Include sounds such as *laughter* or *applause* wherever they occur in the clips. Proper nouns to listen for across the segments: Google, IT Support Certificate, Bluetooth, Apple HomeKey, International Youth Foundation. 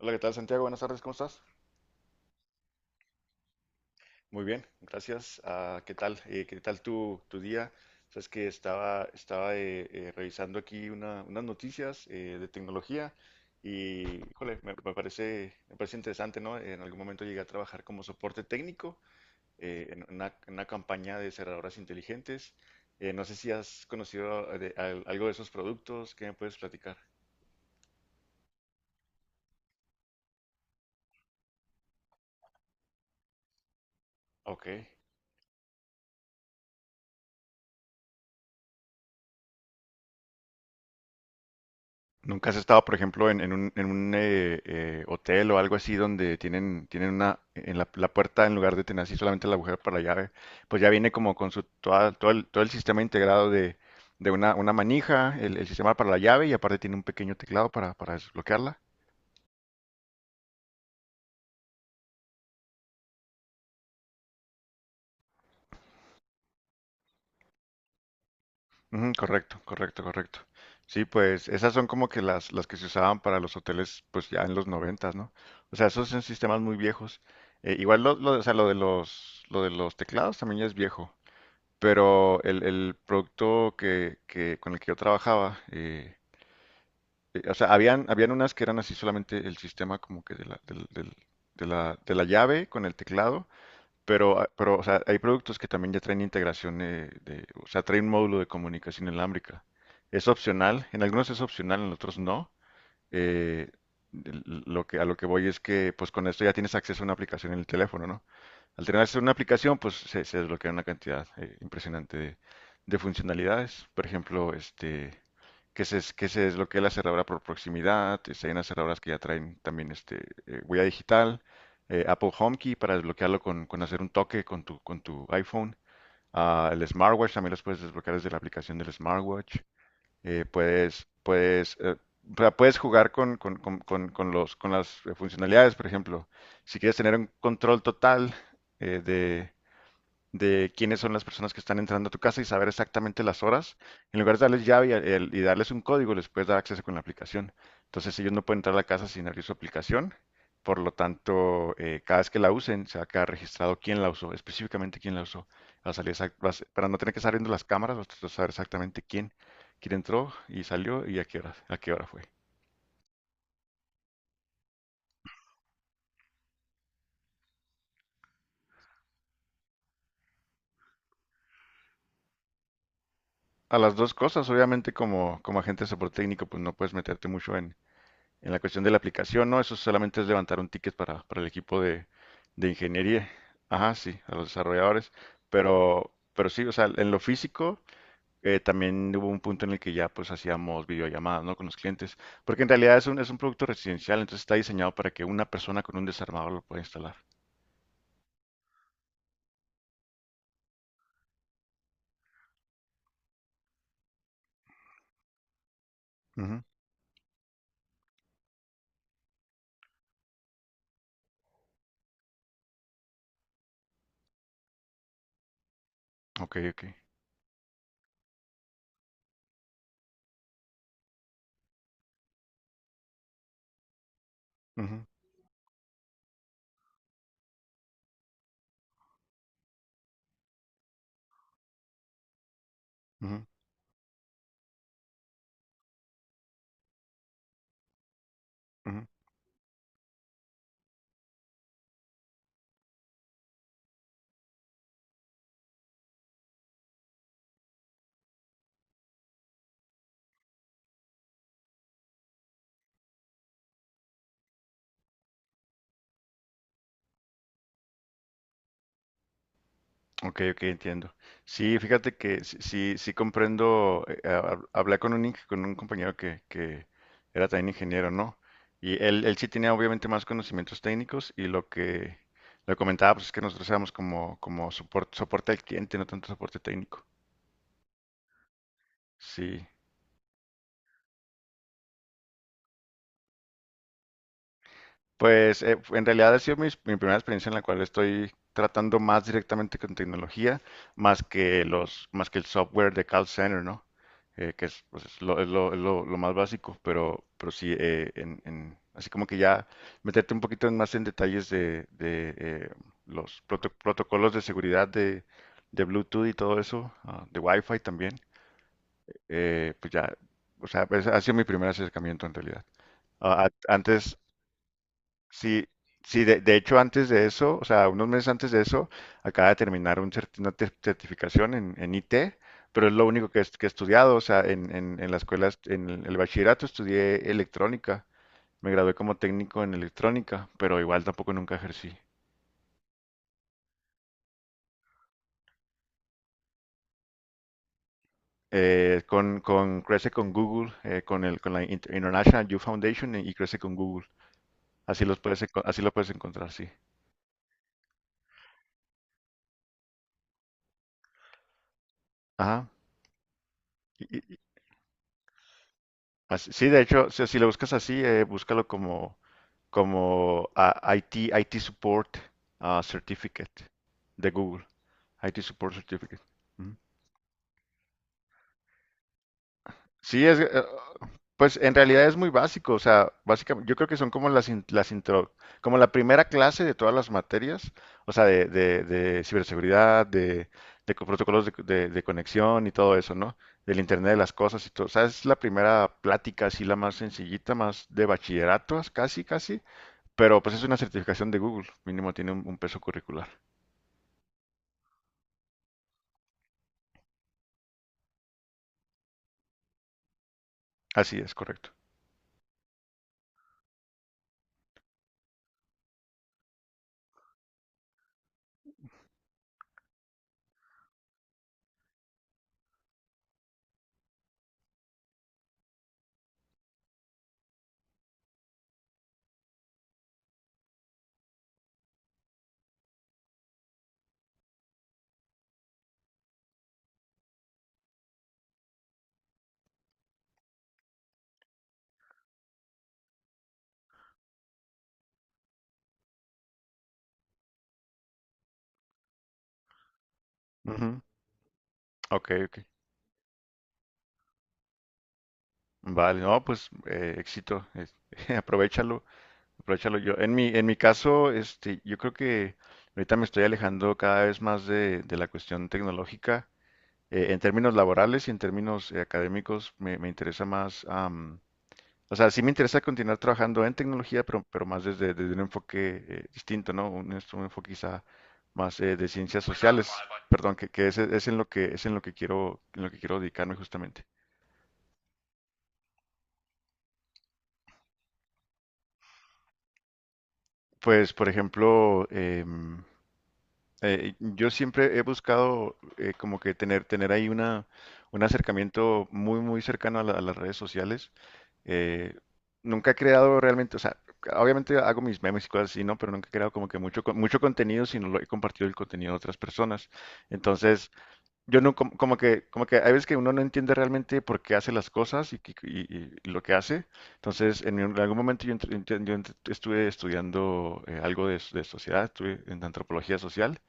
Hola, ¿qué tal, Santiago? Buenas tardes, ¿cómo estás? Muy bien, gracias. Ah, ¿qué tal? ¿Qué tal tu día? Sabes que estaba revisando aquí unas noticias de tecnología y, híjole, me parece interesante, ¿no? En algún momento llegué a trabajar como soporte técnico en en una campaña de cerraduras inteligentes. No sé si has conocido algo de esos productos. ¿Qué me puedes platicar? Ok. ¿Nunca has estado, por ejemplo, en un, hotel o algo así donde tienen una, en la puerta en lugar de tener así solamente la agujero para la llave? Pues ya viene como con su, todo todo el sistema integrado de una manija, el sistema para la llave y aparte tiene un pequeño teclado para desbloquearla. Ujú, correcto, correcto, correcto. Sí, pues esas son como que las que se usaban para los hoteles, pues ya en los noventas, ¿no? O sea, esos son sistemas muy viejos. Igual o sea, lo de lo de los teclados también ya es viejo. Pero el producto con el que yo trabajaba, o sea, habían unas que eran así solamente el sistema como que de la, del- del- de la llave con el teclado, pero, ah, pero o sea, hay productos que también ya traen integración, o sea, traen un módulo de comunicación inalámbrica. Es opcional, en algunos es opcional, en otros no. Eh, lo que, a lo que voy es que pues con esto ya tienes acceso a una aplicación en el teléfono, ¿no? Al tenerse una aplicación, pues se desbloquea una cantidad impresionante de funcionalidades. Por ejemplo, este, que se desbloquee la cerradura por proximidad. Este, hay unas cerraduras que ya traen también este, huella digital. Apple HomeKey para desbloquearlo con hacer un toque con con tu iPhone. Ah, el smartwatch también los puedes desbloquear desde la aplicación del smartwatch. eh, puedes, puedes, eh, o sea, puedes jugar con con las funcionalidades, por ejemplo. Si quieres tener un control total eh, de, de quiénes son las personas que están entrando a tu casa y saber exactamente las horas. En lugar de darles llave y darles un código, les puedes dar acceso con la aplicación. Entonces ellos no pueden entrar a la casa sin abrir su aplicación. Por lo tanto, cada vez que la usen, se va a quedar registrado quién la usó, específicamente quién la usó. Va a salir exact- va a ser- Para no tener que estar viendo las cámaras, vas a saber exactamente quién, quién entró y salió y a qué hora fue. A las dos cosas, obviamente, como agente de soporte técnico, pues no puedes meterte mucho en la cuestión de la aplicación. No, eso solamente es levantar un ticket para el equipo de ingeniería. Ajá, sí, a los desarrolladores. Pero sí, o sea, en lo físico, también hubo un punto en el que ya pues hacíamos videollamadas, ¿no? Con los clientes. Porque en realidad es un producto residencial, entonces está diseñado para que una persona con un desarmador lo pueda instalar. Ujú. Ok, ok. Ujú, ujú, ujú. Ok, ok, entiendo. Sí, fíjate que sí, sí, sí comprendo. Hablé con un, con un compañero que era también ingeniero, ¿no? Y él sí tenía obviamente más conocimientos técnicos y lo que le comentaba pues, es que nosotros éramos como, como soporte, soporte al cliente, no tanto soporte técnico. Sí. Pues en realidad ha sido primera experiencia en la cual estoy tratando más directamente con tecnología, más que más que el software de call center, ¿no? Que es, pues, lo más básico, pero sí, así como que ya meterte un poquito más en detalles protocolos de seguridad de Bluetooth y todo eso, ah, de Wi-Fi también, pues ya, o sea, pues, ha sido mi primer acercamiento en realidad. Antes, sí, sí, de hecho antes de eso, o sea, unos meses antes de eso, acaba de terminar un certificación en IT, pero es lo único que he estudiado, o sea, en la escuela, en el bachillerato estudié electrónica, me gradué como técnico en electrónica, pero igual tampoco nunca ejercí. Crece con Google, con la International Youth Foundation y crece con Google. Así los puedes, así lo puedes encontrar, sí. Ajá. Y- y- y- sí, de hecho, si lo buscas así, búscalo como IT Support, ah, Certificate de Google. IT Support Certificate. Ujú. Sí, es, pues en realidad es muy básico, o sea, básicamente, yo creo que son como las intro, como la primera clase de todas las materias, o sea, de ciberseguridad, protocolos de conexión y todo eso, ¿no? Del Internet de las cosas y todo, o sea, es la primera plática así, la más sencillita, más de bachilleratos, casi, casi. Pero pues es una certificación de Google, mínimo tiene un peso curricular. Así es, correcto. Ujú. Ok, ok. Vale, no, pues éxito, *laughs* aprovechalo, aprovechalo yo. En mi caso, este, yo creo que ahorita me estoy alejando cada vez más de la cuestión tecnológica. En términos laborales y en términos académicos me interesa más, o sea, sí me interesa continuar trabajando en tecnología, pero más desde, desde un enfoque distinto, ¿no? Un enfoque quizá más de ciencias sociales, perdón, que, es en lo que en lo que quiero dedicarme justamente. Pues, por ejemplo, yo siempre he buscado como que tener ahí una, un acercamiento muy, muy cercano a a las redes sociales. Eh, Nunca he creado realmente, o sea, obviamente hago mis memes y cosas así, ¿no? Pero nunca he creado como que mucho, mucho contenido, sino lo he compartido el contenido de otras personas. Entonces, yo no, como que hay veces que uno no entiende realmente por qué hace las cosas y, y lo que hace. Entonces, en algún momento yo, ent- ent- yo ent- estuve estudiando algo de sociedad, estuve en antropología social.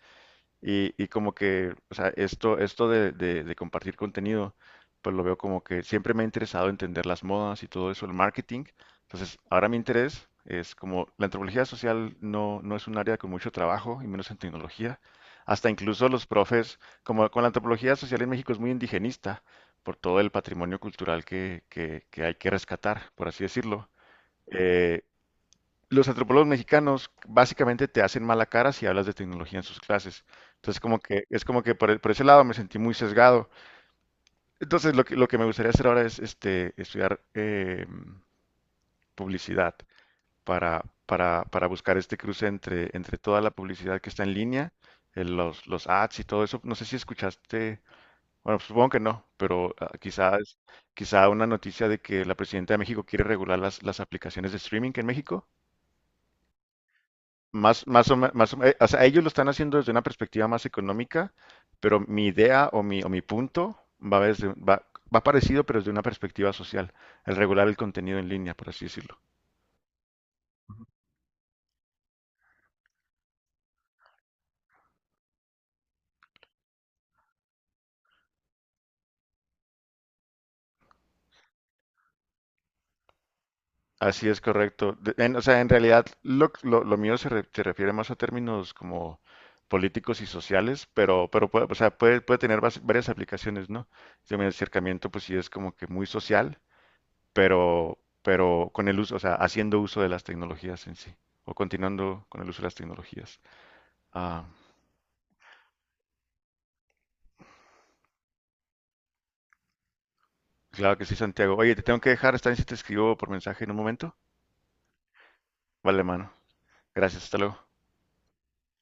Y como que, o sea, esto de, de compartir contenido, pues lo veo como que siempre me ha interesado entender las modas y todo eso, el marketing. Entonces, ahora mi interés es como la antropología social no, no es un área con mucho trabajo, y menos en tecnología. Hasta incluso los profes, como con la antropología social en México es muy indigenista por todo el patrimonio cultural que hay que rescatar, por así decirlo. Eh, los antropólogos mexicanos básicamente te hacen mala cara si hablas de tecnología en sus clases. Entonces, como que, es como que por ese lado me sentí muy sesgado. Entonces, lo que me gustaría hacer ahora es este, estudiar publicidad para buscar este cruce entre, entre toda la publicidad que está en línea, los ads y todo eso. No sé si escuchaste, bueno, pues, supongo que no, pero ah, quizá una noticia de que la presidenta de México quiere regular las aplicaciones de streaming en México. O sea, ellos lo están haciendo desde una perspectiva más económica, pero mi idea o mi punto va parecido, pero desde una perspectiva social, el regular el contenido en línea, por así decirlo. Así es, correcto. O sea, en realidad lo mío se refiere más a términos como políticos y sociales, pero puede, o sea, puede, puede tener varias aplicaciones, ¿no? Yo, mi acercamiento, pues sí es como que muy social, pero con el uso, o sea, haciendo uso de las tecnologías en sí, o continuando con el uso de las tecnologías. Ah, claro que sí, Santiago. Oye, te tengo que dejar, está bien si te escribo por mensaje en un momento. Vale, mano. Gracias, hasta luego.